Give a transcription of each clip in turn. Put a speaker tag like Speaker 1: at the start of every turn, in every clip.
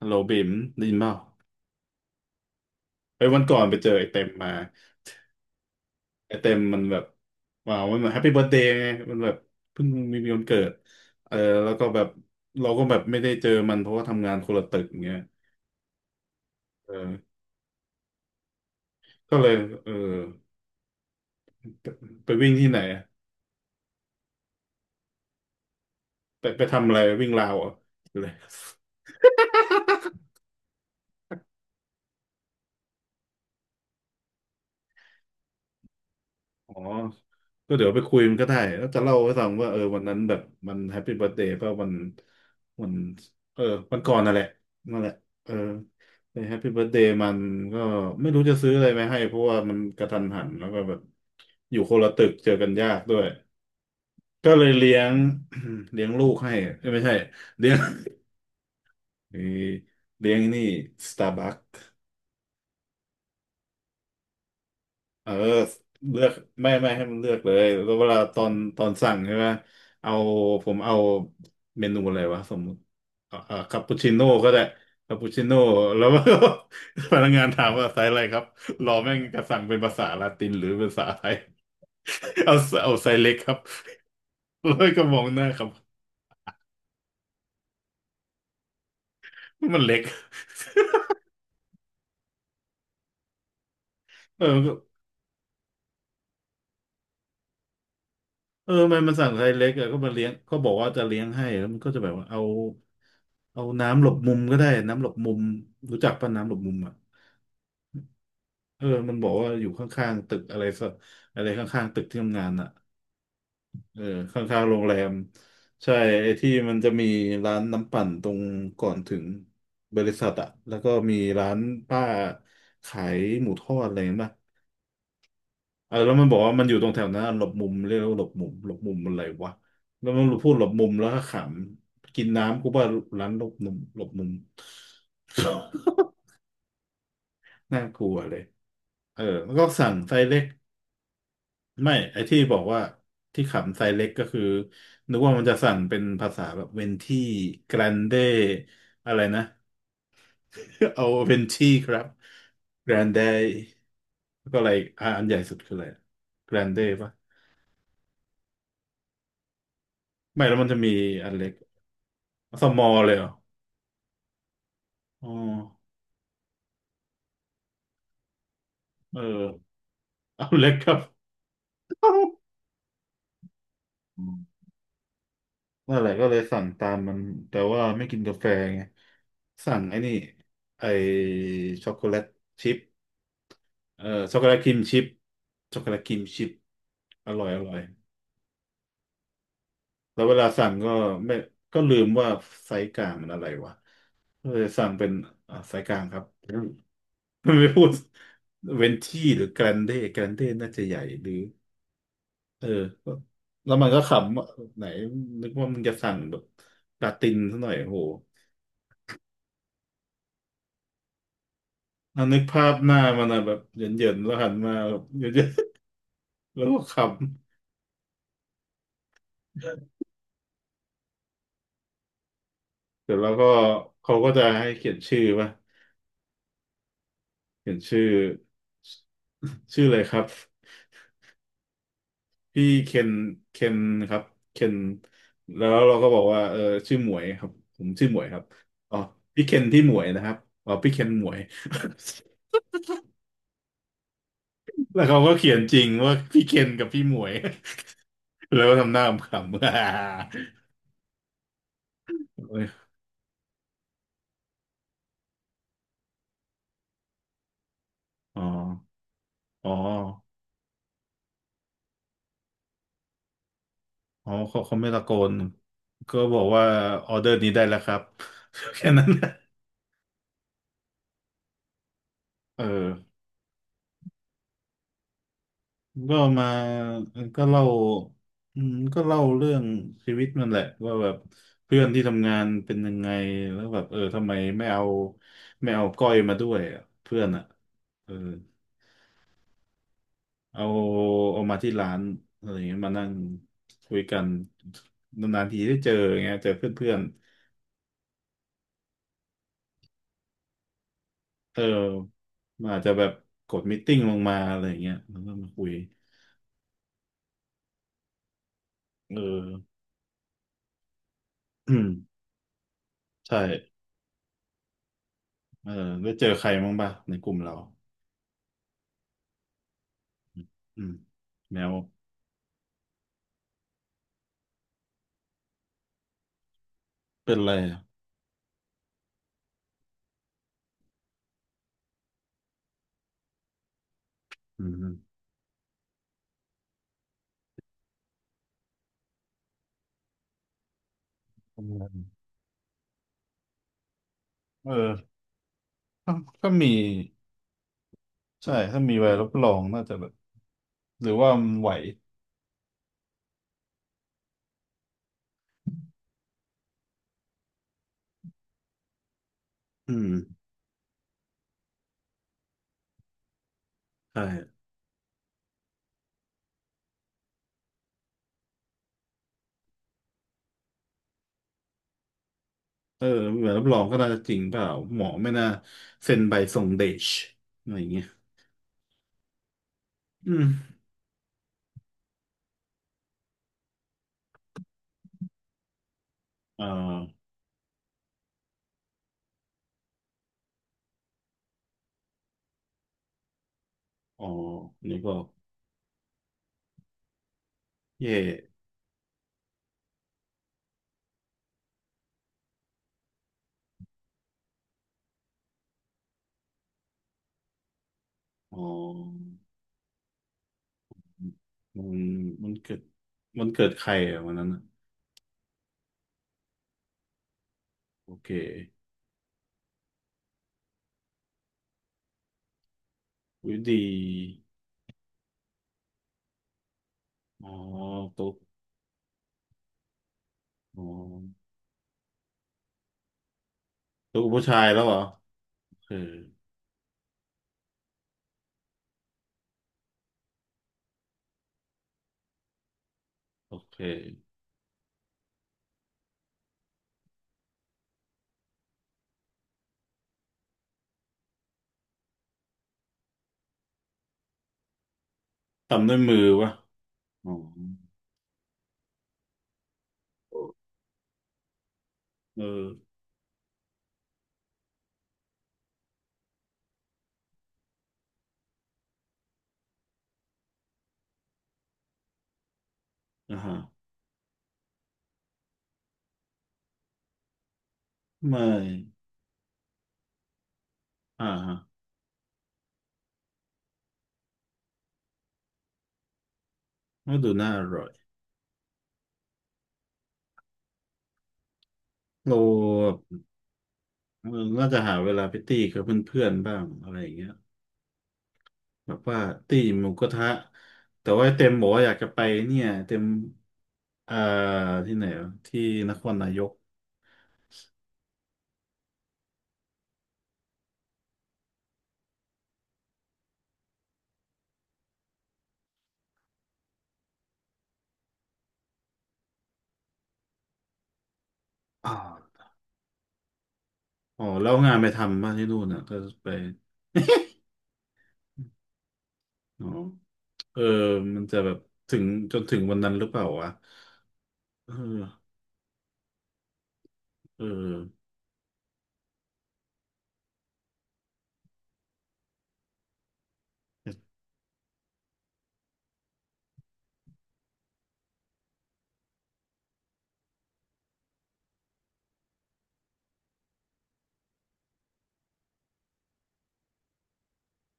Speaker 1: ฮัลโหลบิมได้ยินเปล่าไปวันก่อนไปเจอไอเต็มมาไอเต็มมันแบบว้าวมันแฮปปี้เบิร์ธเดย์ไงมันแบบเพิ่งมีวันเกิดเออแล้วก็แบบเราก็แบบไม่ได้เจอมันเพราะว่าทำงานคนละตึกอย่างเงี้ยเออก็เลยเออไปไปวิ่งที่ไหนอะไปทำอะไรวิ่งราวเหรอ่ะ หรืออะไร อ๋อ ก็เดี๋ยวไปคุยมันก็ได้ แล้วจะเล่าให้ฟังว่าเออวันนั้นแบบมันแฮปปี้เบิร์ a เดย์ป่ะวันเออวันก่อนนั่นแหละนั่นแหละเออไปแฮปปี้เบิร์ a เดย์มันก็ไม่รู้จะซื้ออะไรมาให้เพราะว่ามันกระทันหันแล้วก็แบบอยู่คนละตึกเจอกันยากด้วยก็เลยเลี้ยง เลี้ยงลูกให้เอ้ยไม่ใช่เลี้ยง เเลี้ยงนี่สตาร์บัค เออเลือกไม่ให้มันเลือกเลยแล้วเวลาตอนสั่งใช่ไหมเอาผมเอาเมนูอะไรวะสมมติคาปูชิโน่ก็ได้คาปูชิโน่แล้ว พนักงานถามว่าไซส์อะไรครับรอแม่งกระสั่งเป็นภาษาลาตินหรือภาษาไทยเอาเอาไซส์เล็กครับแล้วก็มองหน้าครับมันเล็กเออก็เออมันสั่งไซส์เล็กอะก็มาเลี้ยงเขาบอกว่าจะเลี้ยงให้แล้วมันก็จะแบบว่าเอาน้ำหลบมุมก็ได้น้ำหลบมุมรู้จักป่ะน้ำหลบมุมอ่ะ เออมันบอกว่าอยู่ข้างๆตึกอะไรสักอะไรข้างๆตึกที่ทำงานอ่ะเออข้างๆโรงแรม ใช่ไอ้ที่มันจะมีร้านน้ำปั่นตรงก่อนถึงบริษัทอ่ะแล้วก็มีร้านป้าขายหมูทอดอะไรอย่างเงี้ยป่ะเออแล้วมันบอกว่ามันอยู่ตรงแถวนั้นอะหลบมุมเรียกว่าหลบมุมหลบมุมมันอะไรวะแล้วมันพูดหลบมุมแล้วก็ขำกินน้ำกูว่าร้านหลบมุมหลบมุม น่ากลัวเลยเออแล้วก็สั่งไซส์เล็ก ไม่ไอ้ที่บอกว่าที่ขำไซเล็กก็คือนึกว่ามันจะสั่งเป็นภาษาแบบเวนที่แกรนเดอะไรนะ เอาเวนที่ครับแกรนเดแล้วก็อะไรอะอันใหญ่สุดคืออะไรแกรนเดป่ะไม่แล้วมันจะมีอันเล็กสมอลเลยเหรออ๋อเออเอาเล็กครับ อืมนั่นแหละก็เลยสั่งตามมันแต่ว่าไม่กินกาแฟไงสั่งไอ้นี่ไอช็อกโกแลตชิพ เออช็อกโกแลตครีมชิพช็อกโกแลตครีมชิพอร่อยอร่อยแล้วเวลาสั่งก็ไม่ก็ลืมว่าไซส์กลางมันอะไรวะก็เลยสั่งเป็นไซส์กลางครับอืมไม่พูดเวนที่หรือแกรนเดแกรนเดน่าจะใหญ่หรือเออก็แล้วมันก็ขำว่าไหนนึกว่ามึงจะสั่งแบบลาตินซะหน่อยโหอ่ะนึกภาพหน้ามันอะแบบเหยินๆแล้วหันมาแบบเหยินๆแล้วก็ขำเสร็จแล้วก็เขาก็จะให้เขียนชื่อป่ะ เขียนชื่อชื่อเลยครับพี่เคนเคนครับเคนแล้วเราก็บอกว่าเออชื่อหมวยครับผมชื่อหมวยครับอ๋อพี่เคนที่หมวยนะครับอ๋อพี่เคนหมวย แล้วเขาก็เขียนจริงว่าพี่เคนกับพี่หมวย แล้วก็ทำหน้าขำๆ เอ้ยอ๋ออ๋ออ๋อเขาไม่ตะโกนก็บอกว่าออเดอร์นี้ได้แล้วครับ แค่นั้น เออ ก็มาก็เล่าอืมก็เล่าเรื่องชีวิตมันแหละว่าแบบเพื่อนที่ทำงานเป็นยังไงแล้วแบบเออทำไมไม่เอาไม่เอาก้อยมาด้วยอะเพื่อนอ่ะเออเอาเอามาที่ร้านอะไรอย่างเงี้ยมานั่งคุยกันนานๆทีได้เจออย่างเงี้ยเจอเพื่อนๆเออมันอาจจะแบบกดมิทติ้งลงมาอะไรอย่างเงี้ยแล้วก็มาคุยเออ อืมใช่เออได้เจอใครบ้างป่ะในกลุ่มเราอืมแมว เป็นอะไรอ่ะอืมทำงานเออถ้าถ้ามี ใช่ ถ้ามีใบรับรองน่าจะแบบหรือว่ามันไหวอืมใช่เออใบรับรองก็น่าจะจริงเปล่าหมอไม่น่าเซ็นใบส่งเดชอะไรอย่างเงี้ยอืมอ่าอ๋ออันนี่ก็เย่อ๋อมันมันเกิดมันเกิดใครอ่ะวันนั้นอ่ะโอเควิดีอ๋อตุ๊กอ๋อตุ๊กผู้ชายแล้วเหรอเออโอเค ทำด้วยมือวะอ๋อเอออ่าฮะไม่ อ่าฮะก็ดูน่าอร่อยเราแบบเออน่าจะหาเวลาไปตี้กับเพื่อนๆบ้างอะไรอย่างเงี้ยแบบว่าตี้หมูกระทะ แต่ว่าเต็มบอกว่าอยากจะไปเนี่ยเต็มอ่าที่ไหนวะที่นครนายกอ๋ออ๋อแล้วงานไปทำบ้างที่นู่นน่ะก็ไปอ๋อเออมันจะแบบถึงจนถึงวันนั้นหรือเปล่าวะเออเออ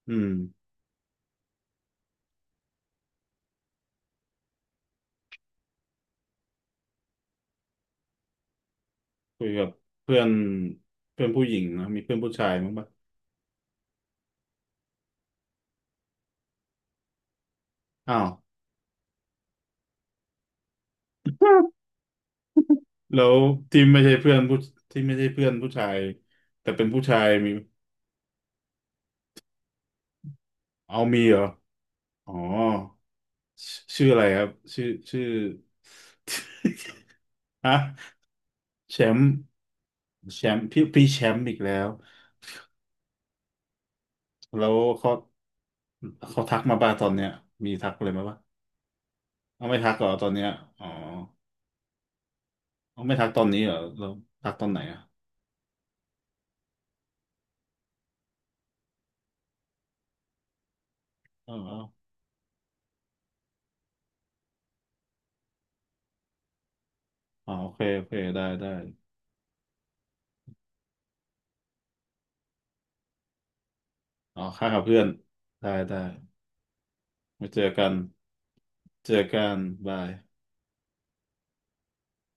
Speaker 1: อืม คุยกับเพื่อนเพื่อนผู้หญิงนะมีเพื่อนผู้ชายมั้างปะอ้าว แล้วที่ไม่ใช่เพื่อนผู้ที่ไม่ใช่เพื่อนผู้ชายแต่เป็นผู้ชายมีเอามีเหรออ๋อชชื่ออะไรครับชื่อชื่อ ฮะแชมป์แชมป์พี่แชมป์อีกแล้วแล้วเขาเขาทักมาป่ะตอนเนี้ยมีทักเลยไหมวะเอาไม่ทักเหรอตอนเนี้ยอ๋อเอาไม่ทักตอนนี้เหรอแล้วทักตอนไหนอ่ะอ๋ออ๋อโอเคโอเคได้ได้ อ๋อค่ากับเพื่อนได้ ได้ไว้เจอกันเจอกันบาย